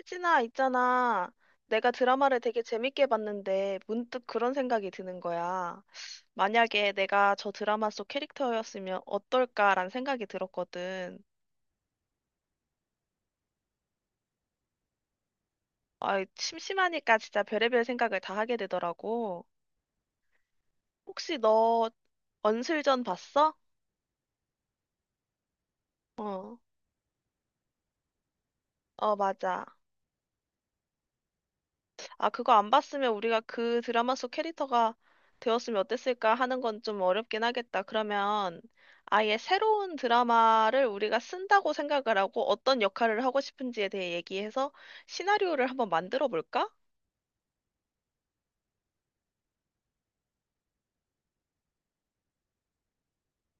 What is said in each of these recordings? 혜진아, 있잖아. 내가 드라마를 되게 재밌게 봤는데 문득 그런 생각이 드는 거야. 만약에 내가 저 드라마 속 캐릭터였으면 어떨까라는 생각이 들었거든. 아, 심심하니까 진짜 별의별 생각을 다 하게 되더라고. 혹시 너 언슬전 봤어? 어, 어, 맞아. 아, 그거 안 봤으면 우리가 그 드라마 속 캐릭터가 되었으면 어땠을까 하는 건 좀 어렵긴 하겠다. 그러면 아예 새로운 드라마를 우리가 쓴다고 생각을 하고 어떤 역할을 하고 싶은지에 대해 얘기해서 시나리오를 한번 만들어 볼까?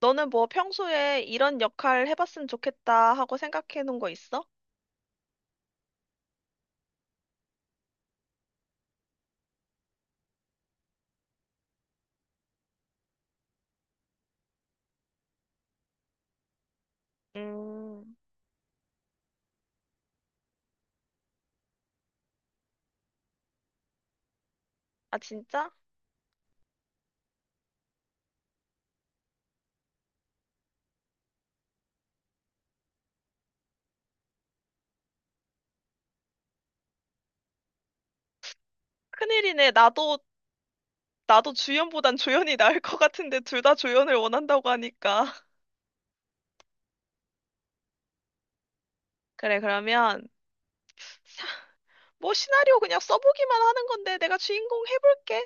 너는 뭐 평소에 이런 역할 해봤으면 좋겠다 하고 생각해 놓은 거 있어? 음, 아, 진짜? 큰일이네. 나도 주연보단 조연이 나을 것 같은데 둘 다 조연을 원한다고 하니까. 그래, 그러면. 뭐 시나리오 그냥 써보기만 하는 건데 내가 주인공 해볼게.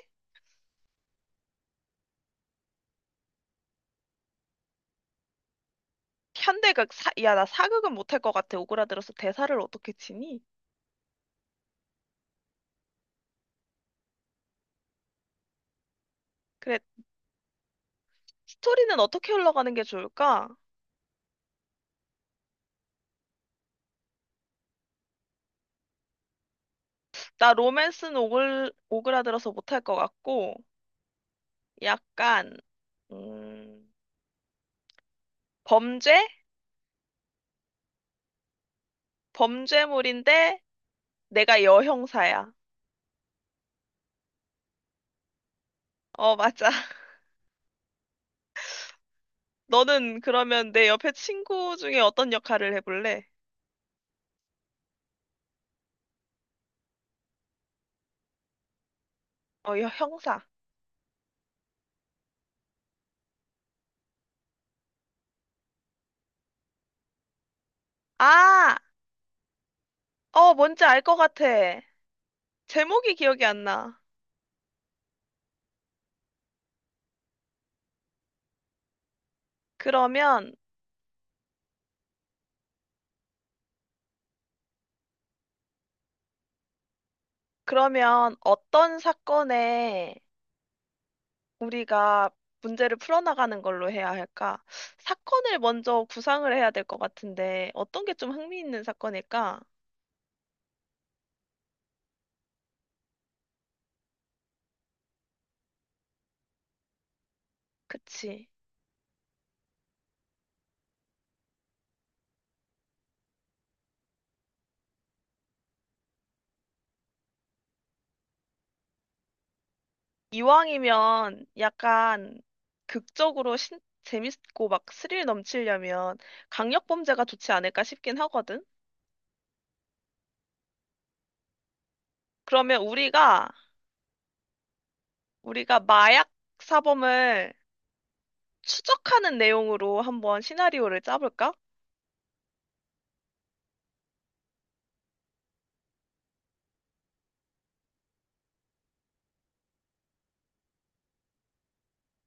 야, 나 사극은 못할 것 같아. 오그라들어서 대사를 어떻게 치니? 그래, 스토리는 어떻게 흘러가는 게 좋을까? 나 로맨스는 오그라들어서 못할 것 같고, 약간, 음, 범죄? 범죄물인데 내가 여형사야. 어, 맞아. 너는 그러면 내 옆에 친구 중에 어떤 역할을 해볼래? 어, 형사. 아! 어, 뭔지 알 것 같아. 제목이 기억이 안 나. 그러면, 그러면 어떤 사건에 우리가 문제를 풀어나가는 걸로 해야 할까? 사건을 먼저 구상을 해야 될 것 같은데, 어떤 게 좀 흥미있는 사건일까? 그치. 이왕이면 약간 극적으로 재밌고 막 스릴 넘치려면 강력범죄가 좋지 않을까 싶긴 하거든? 그러면 우리가 마약 사범을 추적하는 내용으로 한번 시나리오를 짜볼까?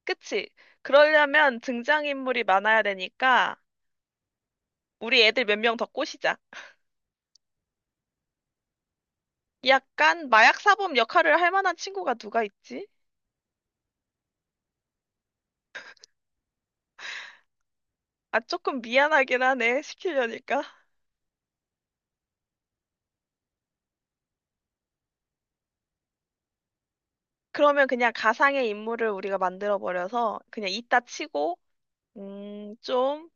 그치? 그러려면 등장인물이 많아야 되니까 우리 애들 몇 명 더 꼬시자. 약간 마약 사범 역할을 할 만한 친구가 누가 있지? 아, 조금 미안하긴 하네, 시키려니까. 그러면 그냥 가상의 인물을 우리가 만들어버려서 그냥 이따 치고, 좀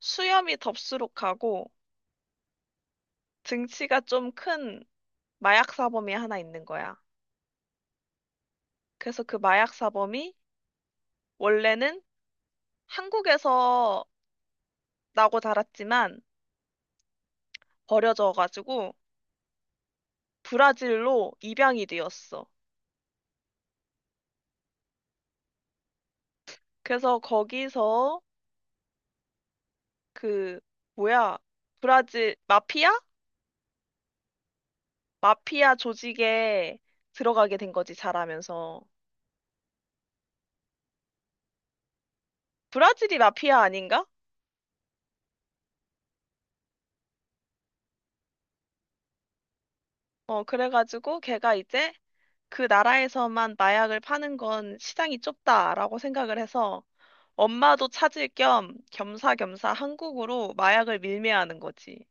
수염이 덥수룩하고 등치가 좀 큰 마약 사범이 하나 있는 거야. 그래서 그 마약 사범이 원래는 한국에서 나고 자랐지만 버려져가지고 브라질로 입양이 되었어. 그래서 거기서 그 뭐야, 브라질 마피아? 마피아 조직에 들어가게 된 거지, 자라면서. 브라질이 마피아 아닌가? 어, 그래가지고 걔가 이제 그 나라에서만 마약을 파는 건 시장이 좁다라고 생각을 해서 엄마도 찾을 겸 겸사겸사 한국으로 마약을 밀매하는 거지.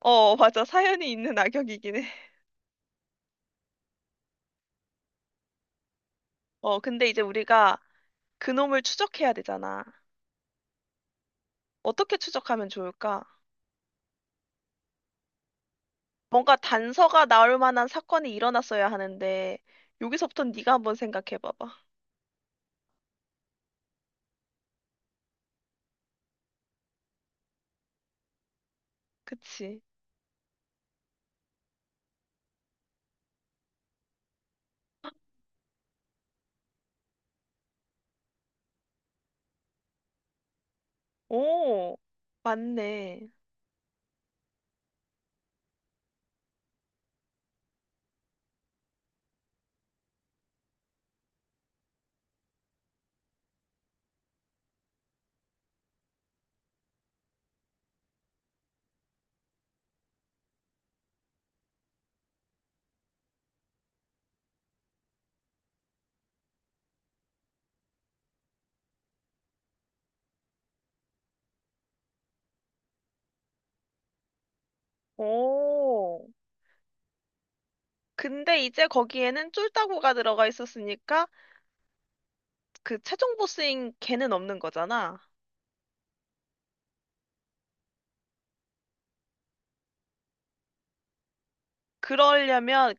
어, 맞아, 사연이 있는 악역이긴 해. 어, 근데 이제 우리가 그놈을 추적해야 되잖아. 어떻게 추적하면 좋을까? 뭔가 단서가 나올 만한 사건이 일어났어야 하는데 여기서부터 네가 한번 생각해 봐봐. 그치? 오, 맞네. 오. 근데 이제 거기에는 쫄따구가 들어가 있었으니까 그 최종 보스인 걔는 없는 거잖아. 그러려면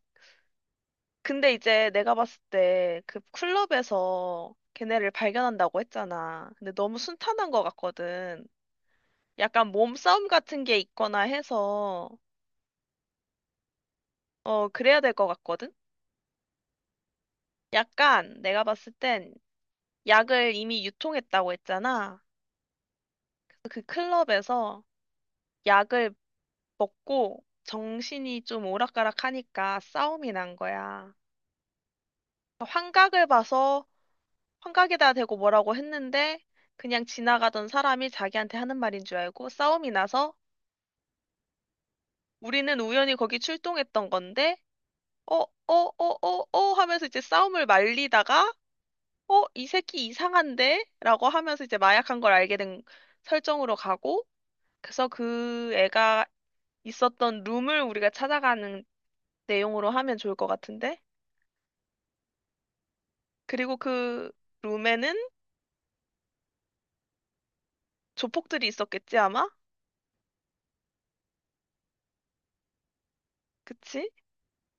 근데 이제 내가 봤을 때 그 클럽에서 걔네를 발견한다고 했잖아. 근데 너무 순탄한 것 같거든. 약간 몸싸움 같은 게 있거나 해서. 어, 그래야 될 것 같거든? 약간 내가 봤을 땐 약을 이미 유통했다고 했잖아. 그 클럽에서 약을 먹고 정신이 좀 오락가락하니까 싸움이 난 거야. 환각을 봐서 환각에다 대고 뭐라고 했는데 그냥 지나가던 사람이 자기한테 하는 말인 줄 알고 싸움이 나서 우리는 우연히 거기 출동했던 건데 어, 어, 어, 어, 어 하면서 이제 싸움을 말리다가 어, 이 새끼 이상한데? 라고 하면서 이제 마약한 걸 알게 된 설정으로 가고, 그래서 그 애가 있었던 룸을 우리가 찾아가는 내용으로 하면 좋을 것 같은데? 그리고 그 룸에는 조폭들이 있었겠지, 아마? 그치?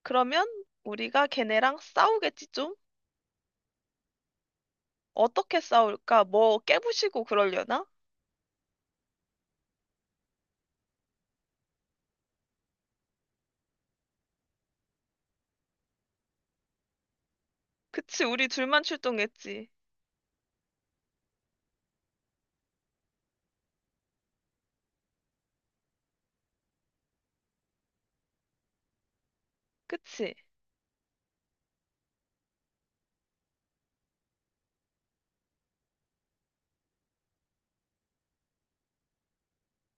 그러면 우리가 걔네랑 싸우겠지, 좀? 어떻게 싸울까? 뭐 깨부시고 그러려나? 그치, 우리 둘만 출동했지. 그치?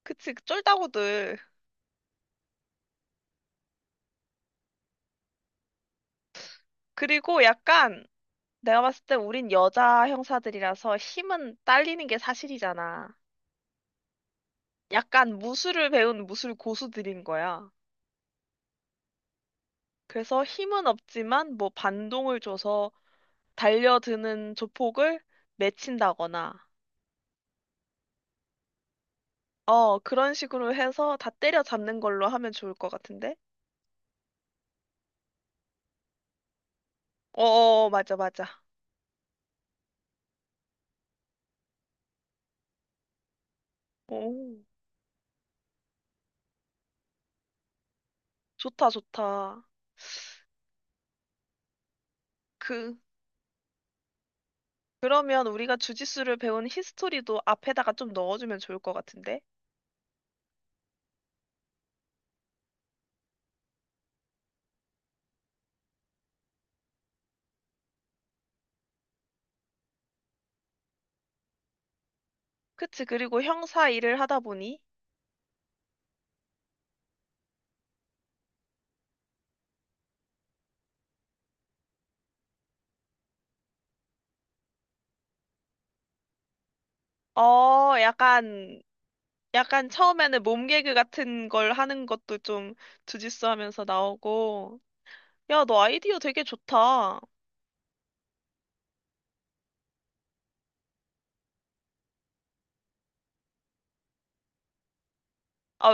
그치, 쫄다구들. 그리고 약간, 내가 봤을 때 우린 여자 형사들이라서 힘은 딸리는 게 사실이잖아. 약간 무술을 배운 무술 고수들인 거야. 그래서 힘은 없지만 뭐 반동을 줘서 달려드는 조폭을 맺힌다거나, 어, 그런 식으로 해서 다 때려잡는 걸로 하면 좋을 것 같은데? 어, 어, 어, 맞아, 맞아. 오, 좋다, 좋다. 그, 그러면 우리가 주짓수를 배운 히스토리도 앞에다가 좀 넣어주면 좋을 것 같은데? 그치, 그리고 형사 일을 하다 보니 어, 약간, 약간 처음에는 몸개그 같은 걸 하는 것도 좀 주짓수 하면서 나오고. 야, 너 아이디어 되게 좋다. 아,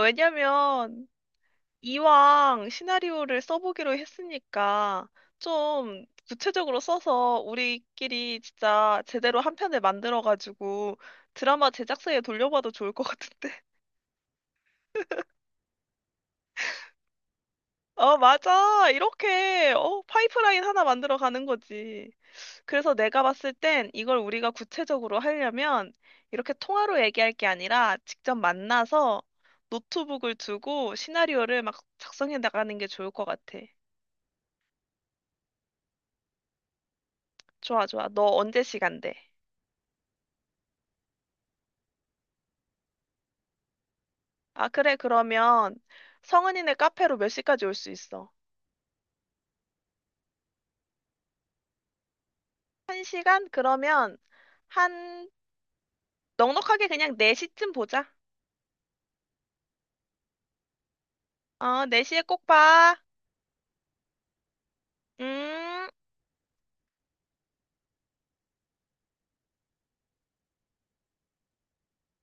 왜냐면, 이왕 시나리오를 써보기로 했으니까, 좀 구체적으로 써서 우리끼리 진짜 제대로 한 편을 만들어가지고 드라마 제작사에 돌려봐도 좋을 것 같은데. 어, 맞아. 이렇게, 파이프라인 하나 만들어 가는 거지. 그래서 내가 봤을 땐 이걸 우리가 구체적으로 하려면 이렇게 통화로 얘기할 게 아니라 직접 만나서 노트북을 두고 시나리오를 막 작성해 나가는 게 좋을 것 같아. 좋아, 좋아. 너 언제 시간 돼? 아, 그래. 그러면 성은이네 카페로 몇 시까지 올 수 있어? 1시간 그러면 한 넉넉하게 그냥 4시쯤 보자. 어, 4시에 꼭 봐. 음.